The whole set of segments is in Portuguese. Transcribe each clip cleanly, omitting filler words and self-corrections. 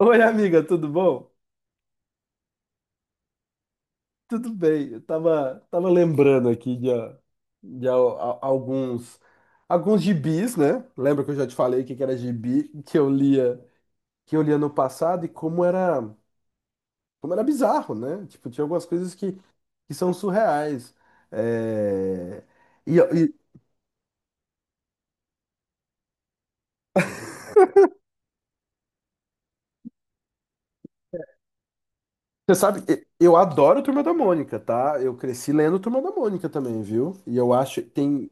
Oi, amiga, tudo bom? Tudo bem. Eu tava lembrando aqui de alguns gibis, né? Lembra que eu já te falei que era gibi que eu lia no passado e como era bizarro, né? Tipo, tinha algumas coisas que são surreais. É, e você sabe, eu adoro Turma da Mônica, tá? Eu cresci lendo Turma da Mônica também, viu? E eu acho que tem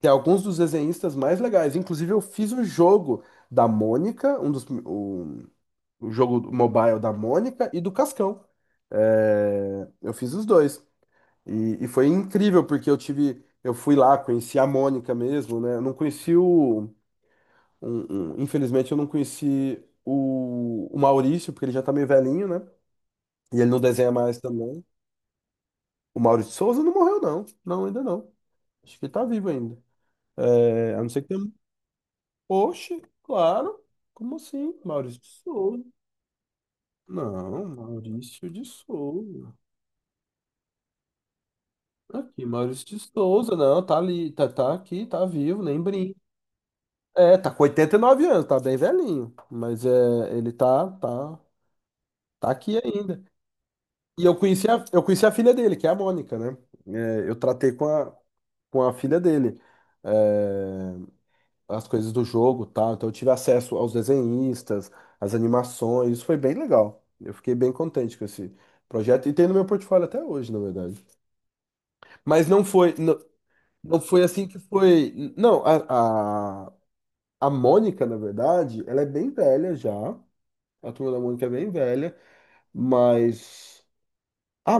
Tem alguns dos desenhistas mais legais. Inclusive, eu fiz o jogo da Mônica, o jogo mobile da Mônica e do Cascão. É, eu fiz os dois. E foi incrível, porque eu tive. Eu fui lá, conheci a Mônica mesmo, né? Eu não conheci o. Infelizmente, eu não conheci o Maurício, porque ele já tá meio velhinho, né? E ele não desenha mais também. O Maurício Souza não morreu, não. Não, ainda não. Acho que ele tá vivo ainda. É, a não ser que tenha Oxe, claro. Como assim? Maurício de Souza. Não, Maurício de Souza. Tá aqui, Maurício de Souza. Não, tá ali, tá aqui, tá vivo, nem brinca. É, tá com 89 anos, tá bem velhinho. Mas é, tá aqui ainda. E eu conheci a filha dele, que é a Mônica, né? Eu tratei com a filha dele. É, as coisas do jogo, tá? Então eu tive acesso aos desenhistas, às animações, isso foi bem legal. Eu fiquei bem contente com esse projeto e tem no meu portfólio até hoje, na verdade. Mas não foi assim que foi. Não, a Mônica, na verdade, ela é bem velha já. A turma da Mônica é bem velha, mas a,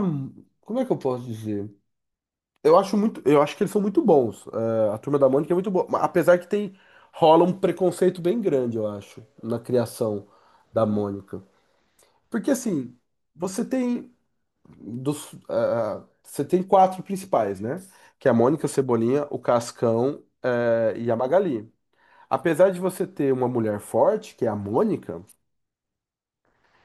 como é que eu posso dizer? Eu acho que eles são muito bons. É, a Turma da Mônica é muito boa, mas apesar que tem rola um preconceito bem grande, eu acho, na criação da Mônica. Porque assim, você tem você tem quatro principais, né? Que é a Mônica, o Cebolinha, o Cascão, e a Magali. Apesar de você ter uma mulher forte, que é a Mônica,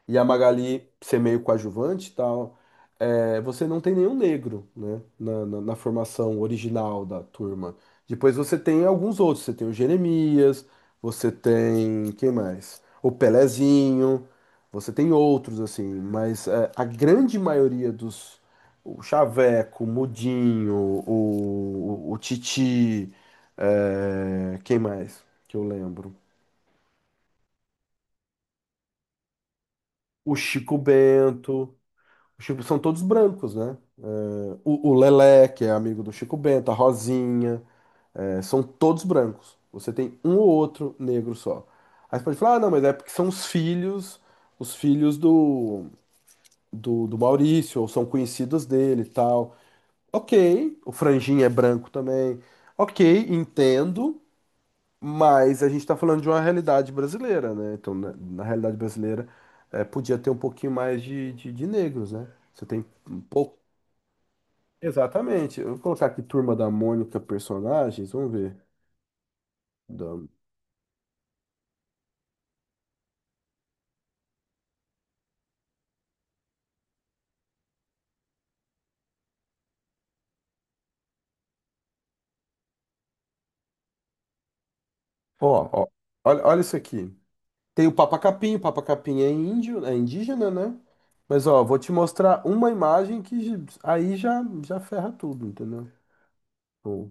e a Magali ser meio coadjuvante e tal, é, você não tem nenhum negro, né, na formação original da turma. Depois você tem alguns outros, você tem o Jeremias, você tem, quem mais? O Pelezinho, você tem outros, assim, mas é, a grande maioria dos, o Chaveco, o Mudinho, o Titi, é, quem mais que eu lembro? O Chico Bento, o Chico, são todos brancos, né? O Lelé, que é amigo do Chico Bento, a Rosinha, é, são todos brancos. Você tem um ou outro negro só. Aí você pode falar, ah, não, mas é porque são os filhos do Maurício, ou são conhecidos dele e tal. Ok, o Franjinha é branco também. Ok, entendo, mas a gente tá falando de uma realidade brasileira, né? Então, na realidade brasileira, é, podia ter um pouquinho mais de negros, né? Você tem pou- exatamente. Eu vou colocar aqui Turma da Mônica personagens. Vamos ver. Da- Ó, Ó, olha, olha isso aqui. Tem o Papa Capim. O Papa Capim é índio, é indígena, né? Mas ó, vou te mostrar uma imagem que aí já ferra tudo, entendeu? Ó,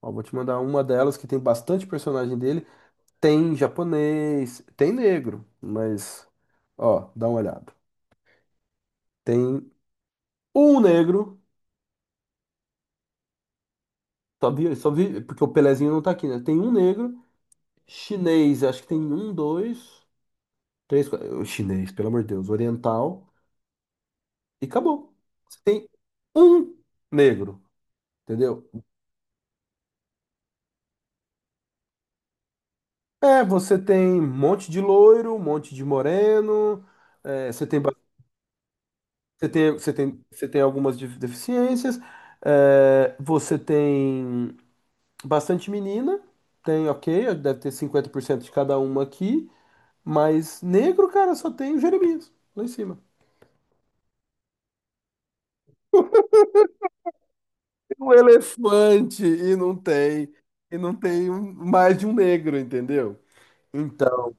ó, vou te mandar uma delas que tem bastante personagem dele. Tem japonês, tem negro, mas ó, dá uma olhada. Tem um negro, só vi porque o Pelezinho não tá aqui, né? Tem um negro chinês, acho que tem um, dois, três, quatro. O chinês, pelo amor de Deus. Oriental. E acabou. Você tem um negro, entendeu? É, você tem um monte de loiro, um monte de moreno. É, você tem, você tem algumas deficiências. É, você tem bastante menina. Tem, ok, deve ter 50% de cada uma aqui. Mas negro, cara, só tem o Jeremias lá em cima. Um elefante e não tem mais de um negro, entendeu? Então,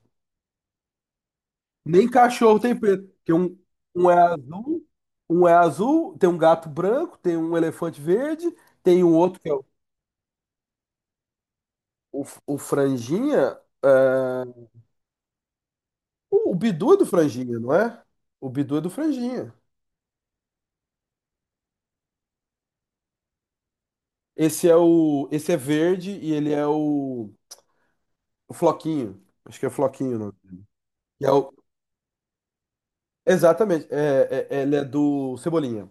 nem cachorro tem preto, porque um, um é azul, um é azul, tem um gato branco, tem um elefante verde, tem um outro que é o franjinha, é, o Bidu é do franjinha, não é? O Bidu é do franjinha. Esse é verde e ele é o floquinho. Acho que é floquinho, não. E é o, exatamente, ele é do Cebolinha.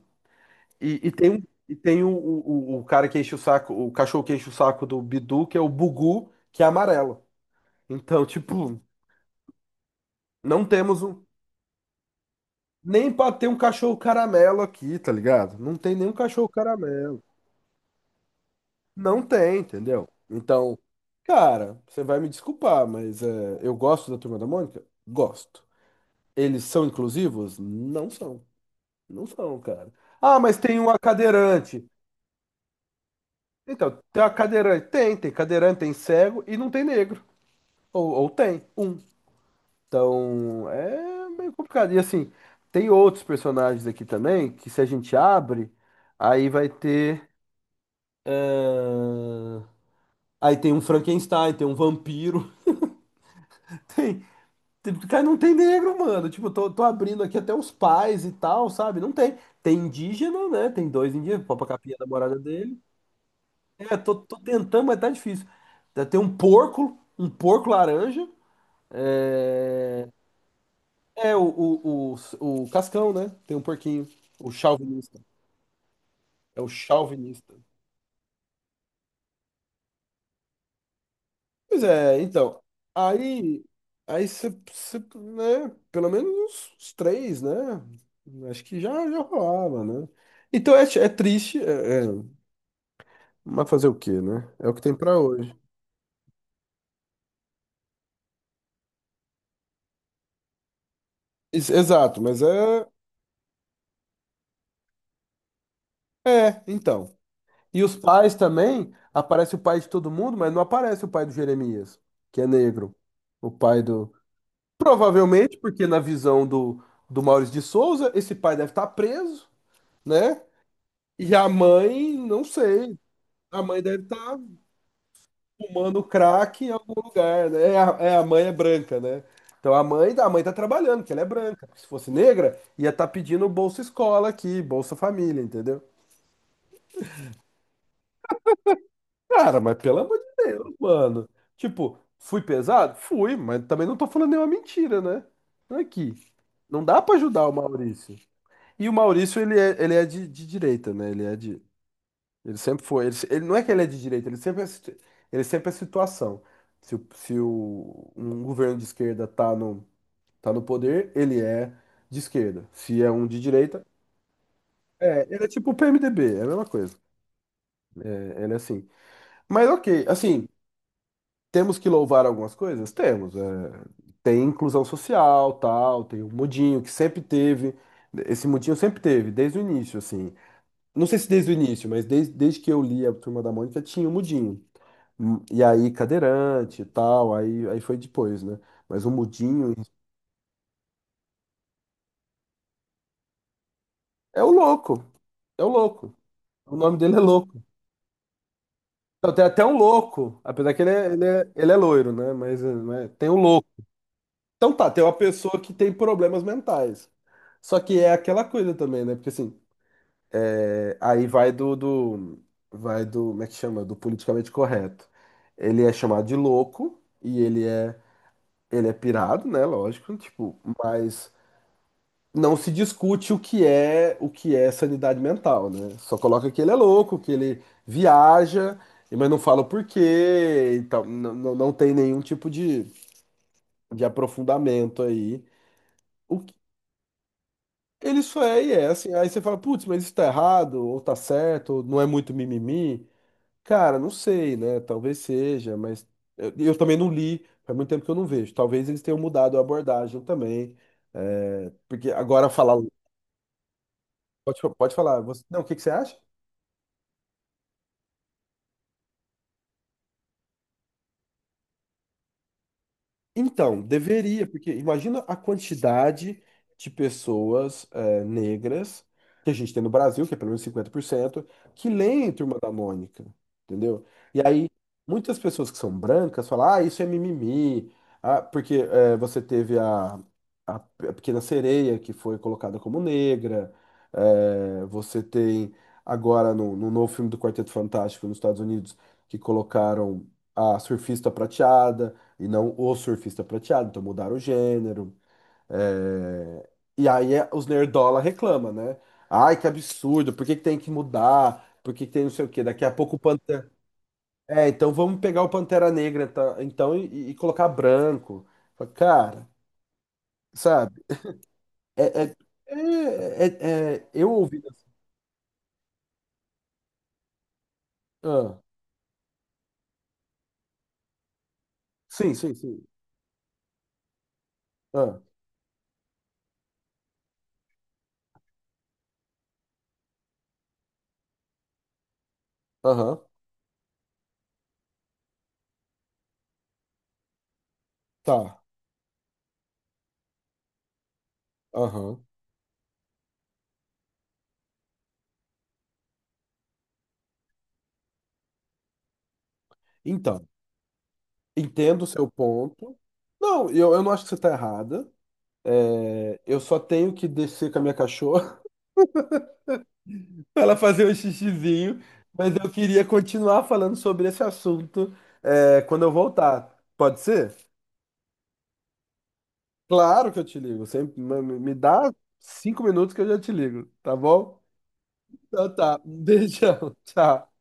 E tem, e tem o cara que enche o saco, o cachorro que enche o saco do Bidu, que é o Bugu, que é amarelo. Então, tipo, não temos um. Nem pra ter um cachorro caramelo aqui, tá ligado? Não tem nenhum cachorro caramelo. Não tem, entendeu? Então, cara, você vai me desculpar, mas é, eu gosto da Turma da Mônica? Gosto. Eles são inclusivos? Não são. Não são, cara. Ah, mas tem uma cadeirante. Então, tem uma cadeirante. Tem cadeirante, tem cego e não tem negro. Ou tem um. Então é meio complicado. E assim, tem outros personagens aqui também que se a gente abre, aí vai ter. Eh, Aí tem um Frankenstein, tem um vampiro. Tem. Tem- Cara, não tem negro, mano. Tipo, tô abrindo aqui até os pais e tal, sabe? Não tem. Tem indígena, né? Tem dois indígenas, Papa Capinha, a namorada dele. É, tô tentando, mas tá difícil. Tem um porco laranja. É, é o Cascão, né? Tem um porquinho. O chauvinista. É o chauvinista. Pois é, então. Aí. Aí você, né? Pelo menos uns três, né? Acho que já rolava, né? Então é triste, mas fazer o quê, né? É o que tem pra hoje. Exato, mas é. É, então. E os pais também. Aparece o pai de todo mundo, mas não aparece o pai do Jeremias, que é negro. O pai do. Provavelmente, porque na visão do, do Maurício de Souza, esse pai deve estar preso, né? E a mãe, não sei. A mãe deve estar fumando crack em algum lugar, né? É a mãe é branca, né? Então a mãe tá trabalhando, porque ela é branca. Se fosse negra, ia estar pedindo Bolsa Escola aqui, Bolsa Família, entendeu? Cara, mas pelo amor de Deus, mano. Tipo, fui pesado? Fui, mas também não tô falando nenhuma mentira, né? Aqui. Não dá pra ajudar o Maurício. E o Maurício, ele é de direita, né? Ele é de. Ele sempre foi. Ele, não é que ele é de direita, ele sempre é, ele sempre é situação. Se, o- se o, um governo de esquerda tá no, tá no poder, ele é de esquerda. Se é um de direita, é, ele é tipo o PMDB, é a mesma coisa. É, ele é assim. Mas ok, assim, temos que louvar algumas coisas? Temos. É. Tem inclusão social, tal, tem o Mudinho, que sempre teve. Esse Mudinho sempre teve, desde o início, assim. Não sei se desde o início, mas desde, desde que eu li a Turma da Mônica tinha o Mudinho. E aí, cadeirante e tal, aí foi depois, né? Mas o Mudinho é o louco, é o louco. O nome dele é louco. Então, tem até um louco, apesar que ele é loiro, né? Mas, né, tem um louco. Então tá, tem uma pessoa que tem problemas mentais. Só que é aquela coisa também, né? Porque assim, é, aí vai do. Vai do. Como é que chama? Do politicamente correto. Ele é chamado de louco e ele é ele é pirado, né? Lógico, tipo, mas não se discute o que é sanidade mental, né? Só coloca que ele é louco, que ele viaja, mas não fala o porquê, então não tem nenhum tipo de aprofundamento aí. O que ele só é e é assim. Aí você fala, putz, mas isso tá errado, ou tá certo, ou não é muito mimimi. Cara, não sei, né? Talvez seja, mas eu também não li, faz muito tempo que eu não vejo. Talvez eles tenham mudado a abordagem também. É, porque agora falar. Pode, pode falar. Você, não, o que que você acha? Então, deveria, porque imagina a quantidade de pessoas negras que a gente tem no Brasil, que é pelo menos 50% que leem Turma da Mônica, entendeu? E aí, muitas pessoas que são brancas falam, ah, isso é mimimi, ah, porque você teve a Pequena Sereia, que foi colocada como negra, eh, você tem agora no novo filme do Quarteto Fantástico nos Estados Unidos, que colocaram a surfista prateada, e não o surfista prateado. Então mudaram o gênero. É, e aí os nerdola reclama, né? Ai, que absurdo, por que que tem que mudar? Por que que tem não sei o quê? Daqui a pouco o Pantera. É, então vamos pegar o Pantera Negra tá? então e colocar branco. Fala, cara, sabe? É, é- eu ouvi. Ah, sim. Ah, aham, tá. Aham. Então, entendo o seu ponto. Não, eu não acho que você está errada. É, eu só tenho que descer com a minha cachorra para ela fazer um xixizinho, mas eu queria continuar falando sobre esse assunto, é, quando eu voltar. Pode ser? Claro que eu te ligo. Sempre, dá 5 minutos que eu já te ligo, tá bom? Então tá. Um beijão. Tchau.